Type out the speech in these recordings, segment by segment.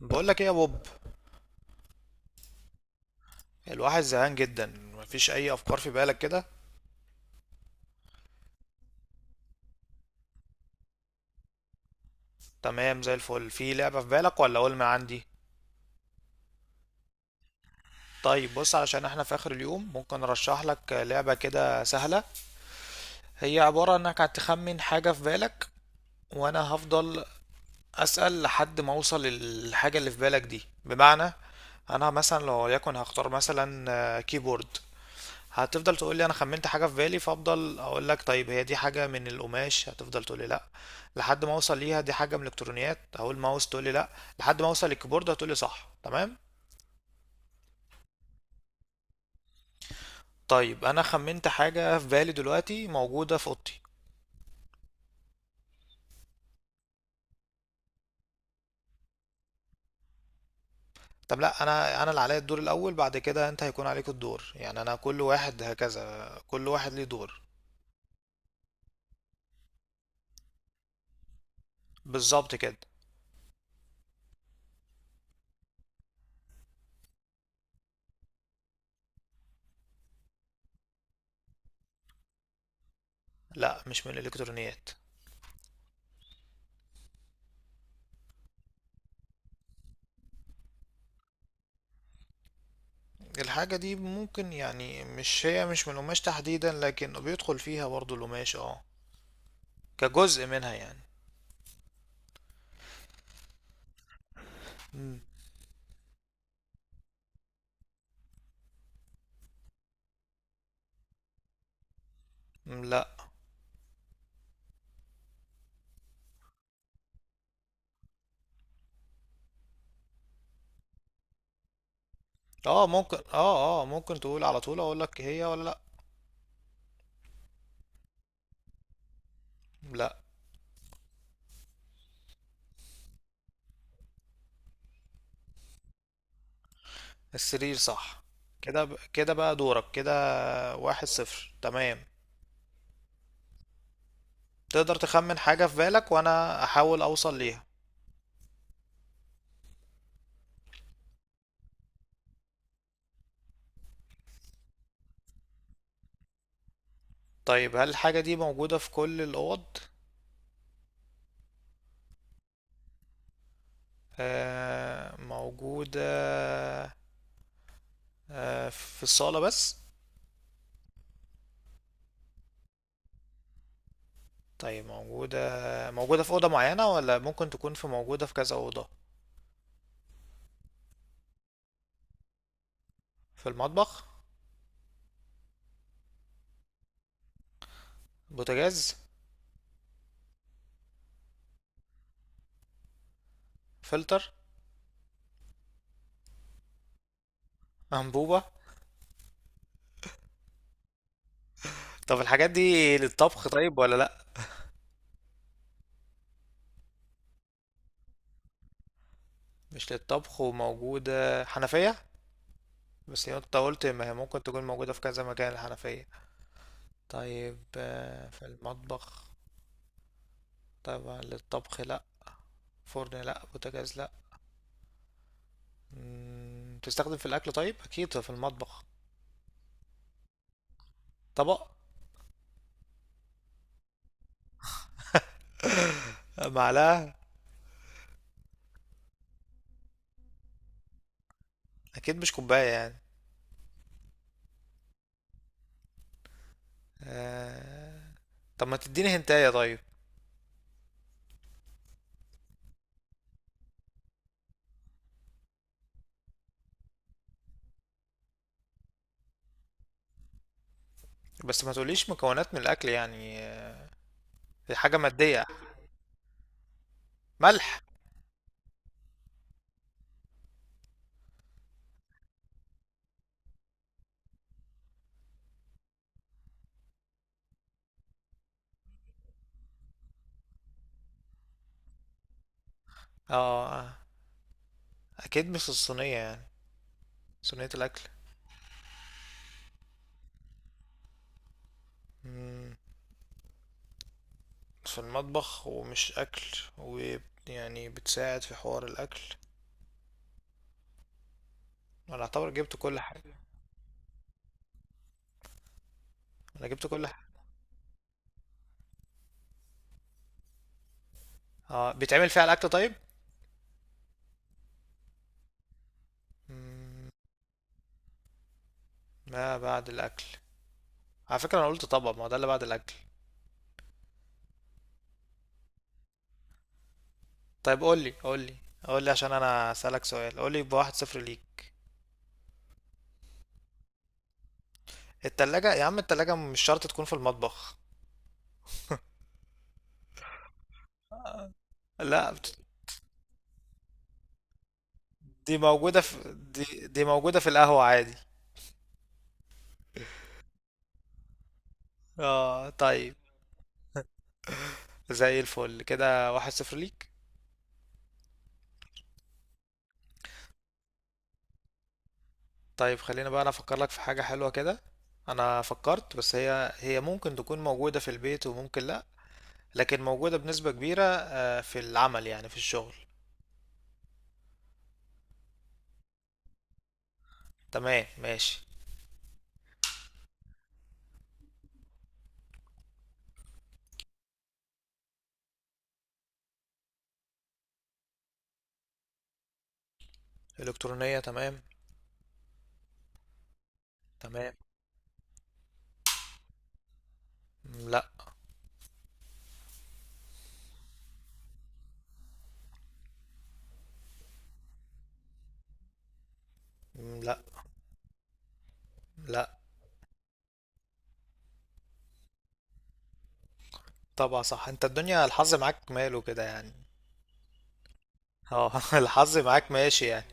بقول لك ايه يا بوب. الواحد زهقان جدا. مفيش اي افكار في بالك كده؟ تمام زي الفل. في لعبة في بالك ولا اقول ما عندي؟ طيب بص، علشان احنا في اخر اليوم ممكن ارشح لك لعبة كده سهلة. هي عبارة انك هتخمن حاجة في بالك وانا هفضل اسأل لحد ما اوصل للحاجة اللي في بالك دي. بمعنى انا مثلا لو يكن هختار مثلا كيبورد، هتفضل تقول لي انا خمنت حاجه في بالي، فافضل اقول لك طيب هي دي حاجه من القماش، هتفضل تقول لي لا لحد ما اوصل ليها. دي حاجه من الالكترونيات، هقول ماوس، تقول لي لا لحد ما اوصل للكيبورد، هتقول لي صح تمام. طيب انا خمنت حاجه في بالي دلوقتي موجوده في اوضتي. طب لا، انا اللي عليا الدور الاول، بعد كده انت هيكون عليك الدور. يعني انا كل واحد هكذا، كل واحد ليه دور. بالظبط كده. لا مش من الالكترونيات. الحاجه دي ممكن يعني، مش هي مش من القماش تحديدا، لكن بيدخل فيها برضو القماش اه، كجزء منها يعني. مم. مم، لا. اه ممكن، اه ممكن تقول على طول اقول لك هي ولا لا. لا. السرير صح. كده بقى دورك كده. واحد صفر، تمام. تقدر تخمن حاجة في بالك وانا احاول اوصل ليها. طيب هل الحاجة دي موجودة في كل الاوض؟ آه موجودة. آه في الصالة بس؟ طيب موجودة، موجودة في أوضة معينة ولا ممكن تكون في موجودة في كذا أوضة؟ في المطبخ؟ بوتاجاز؟ فلتر؟ أنبوبة؟ طب الحاجات دي للطبخ طيب ولا لأ؟ مش للطبخ وموجودة. حنفية؟ بس هي انت قلت ما هي ممكن تكون موجودة في كذا مكان، الحنفية. طيب في المطبخ. طبعا للطبخ لأ. فرن لأ، بوتاجاز لأ. تستخدم في الأكل طيب، أكيد في المطبخ. طبق؟ معلقة؟ أكيد مش كوباية يعني. آه، طب ما تديني هنتاية طيب. بس ما تقوليش مكونات من الأكل يعني دي حاجة مادية. ملح؟ اه أكيد مش الصينية يعني، صينية الأكل. مم، في المطبخ ومش أكل ويعني بتساعد في حوار الأكل. أنا أعتبر جبت كل حاجة. أنا جبت كل حاجة. آه بيتعمل فيها الأكل طيب؟ مم، ما بعد الأكل. على فكرة أنا قلت طبعا ما هو ده اللي بعد الأكل. طيب قولي، قولي عشان أنا أسألك سؤال، قولي بواحد صفر ليك. التلاجة يا عم، التلاجة مش شرط تكون في المطبخ. لا بت- دي موجودة دي موجودة في القهوة عادي. اه طيب. زي الفل كده، واحد صفر ليك. طيب خلينا بقى انا افكر لك في حاجة حلوة كده. انا فكرت، بس هي ممكن تكون موجودة في البيت وممكن لا، لكن موجودة بنسبة كبيرة في العمل يعني، في الشغل. تمام ماشي. الكترونية تمام. تمام. مم، لا. مم، لا. لا. طبعا صح، انت الدنيا الحظ معاك ماله كده يعني. اه الحظ معاك ماشي يعني.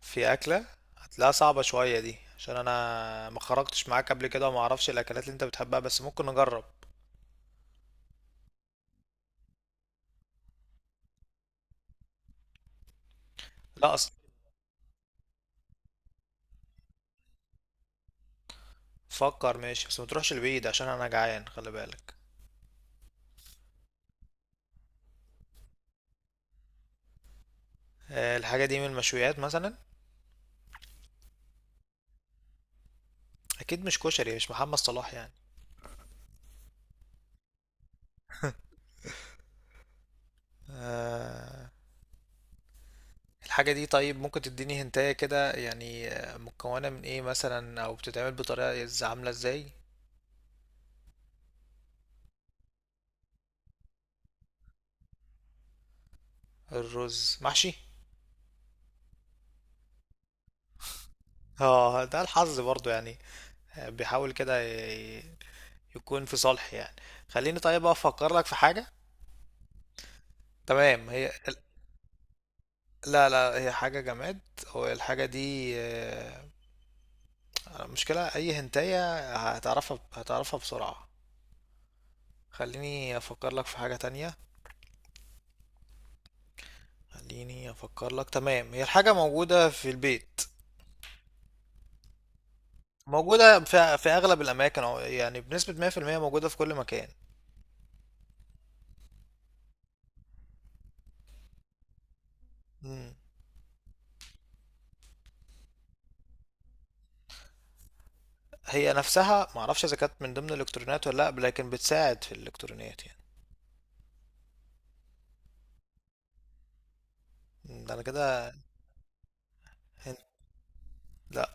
في اكلة؟ هتلاقيها صعبة شوية دي عشان انا ما خرجتش معاك قبل كده وما اعرفش الاكلات اللي انت بتحبها، بس ممكن نجرب. لا. فكر ماشي، بس ما تروحش البعيد عشان انا جعان، خلي بالك. الحاجه دي من المشويات مثلا؟ اكيد مش كشري، مش محمد صلاح يعني. آه، الحاجه دي طيب ممكن تديني هنتايه كده يعني، مكونه من ايه مثلا او بتتعمل بطريقه عامله ازاي؟ الرز محشي. اه ده الحظ برضو يعني. بيحاول كده يكون في صالحي يعني. خليني طيب افكر لك في حاجه. تمام هي. لا لا، هي حاجه جماد. هو الحاجه دي المشكلة أي هنتاية هتعرفها بسرعة. خليني أفكر لك في حاجة تانية. خليني أفكر لك. تمام هي، الحاجة موجودة في البيت. موجودة في أغلب الأماكن، أو يعني بنسبة 100% موجودة في كل مكان. مم. هي نفسها معرفش إذا كانت من ضمن الإلكترونيات ولا لأ، لكن بتساعد في الإلكترونيات يعني. ده أنا كده. هنت؟ لأ.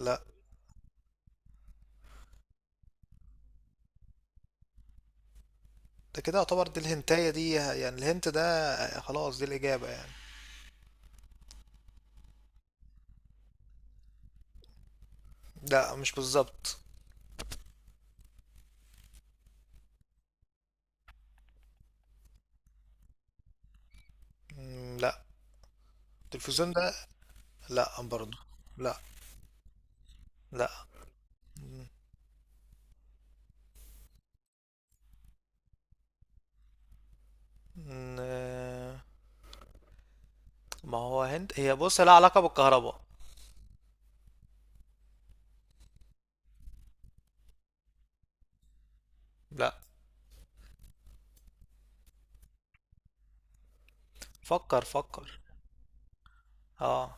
لأ. ده كده يعتبر دي الهنتاية دي يعني، الهنت ده خلاص دي الإجابة يعني. لأ مش بالظبط. مم، لأ. التلفزيون ده؟ لا برضو. لا. لا. ن- ما هو هند هي، بص لها علاقة بالكهرباء. لا. فكر فكر. اه،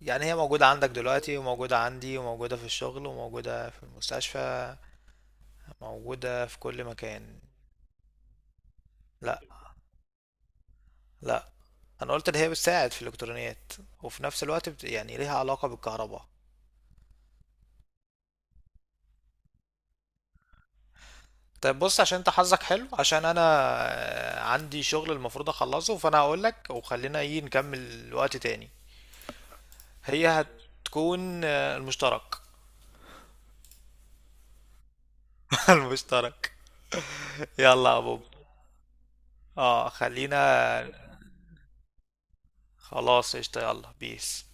يعني هي موجودة عندك دلوقتي وموجودة عندي وموجودة في الشغل وموجودة في المستشفى، موجودة في كل مكان. لا. لا، انا قلت ان هي بتساعد في الالكترونيات وفي نفس الوقت يعني ليها علاقة بالكهرباء. طيب بص، عشان انت حظك حلو، عشان انا عندي شغل المفروض اخلصه، فانا هقولك وخلينا ايه نكمل وقت تاني. هي هتكون المشترك. المشترك. يلا يا بوب. اه خلينا. خلاص قشطة، يلا بيس.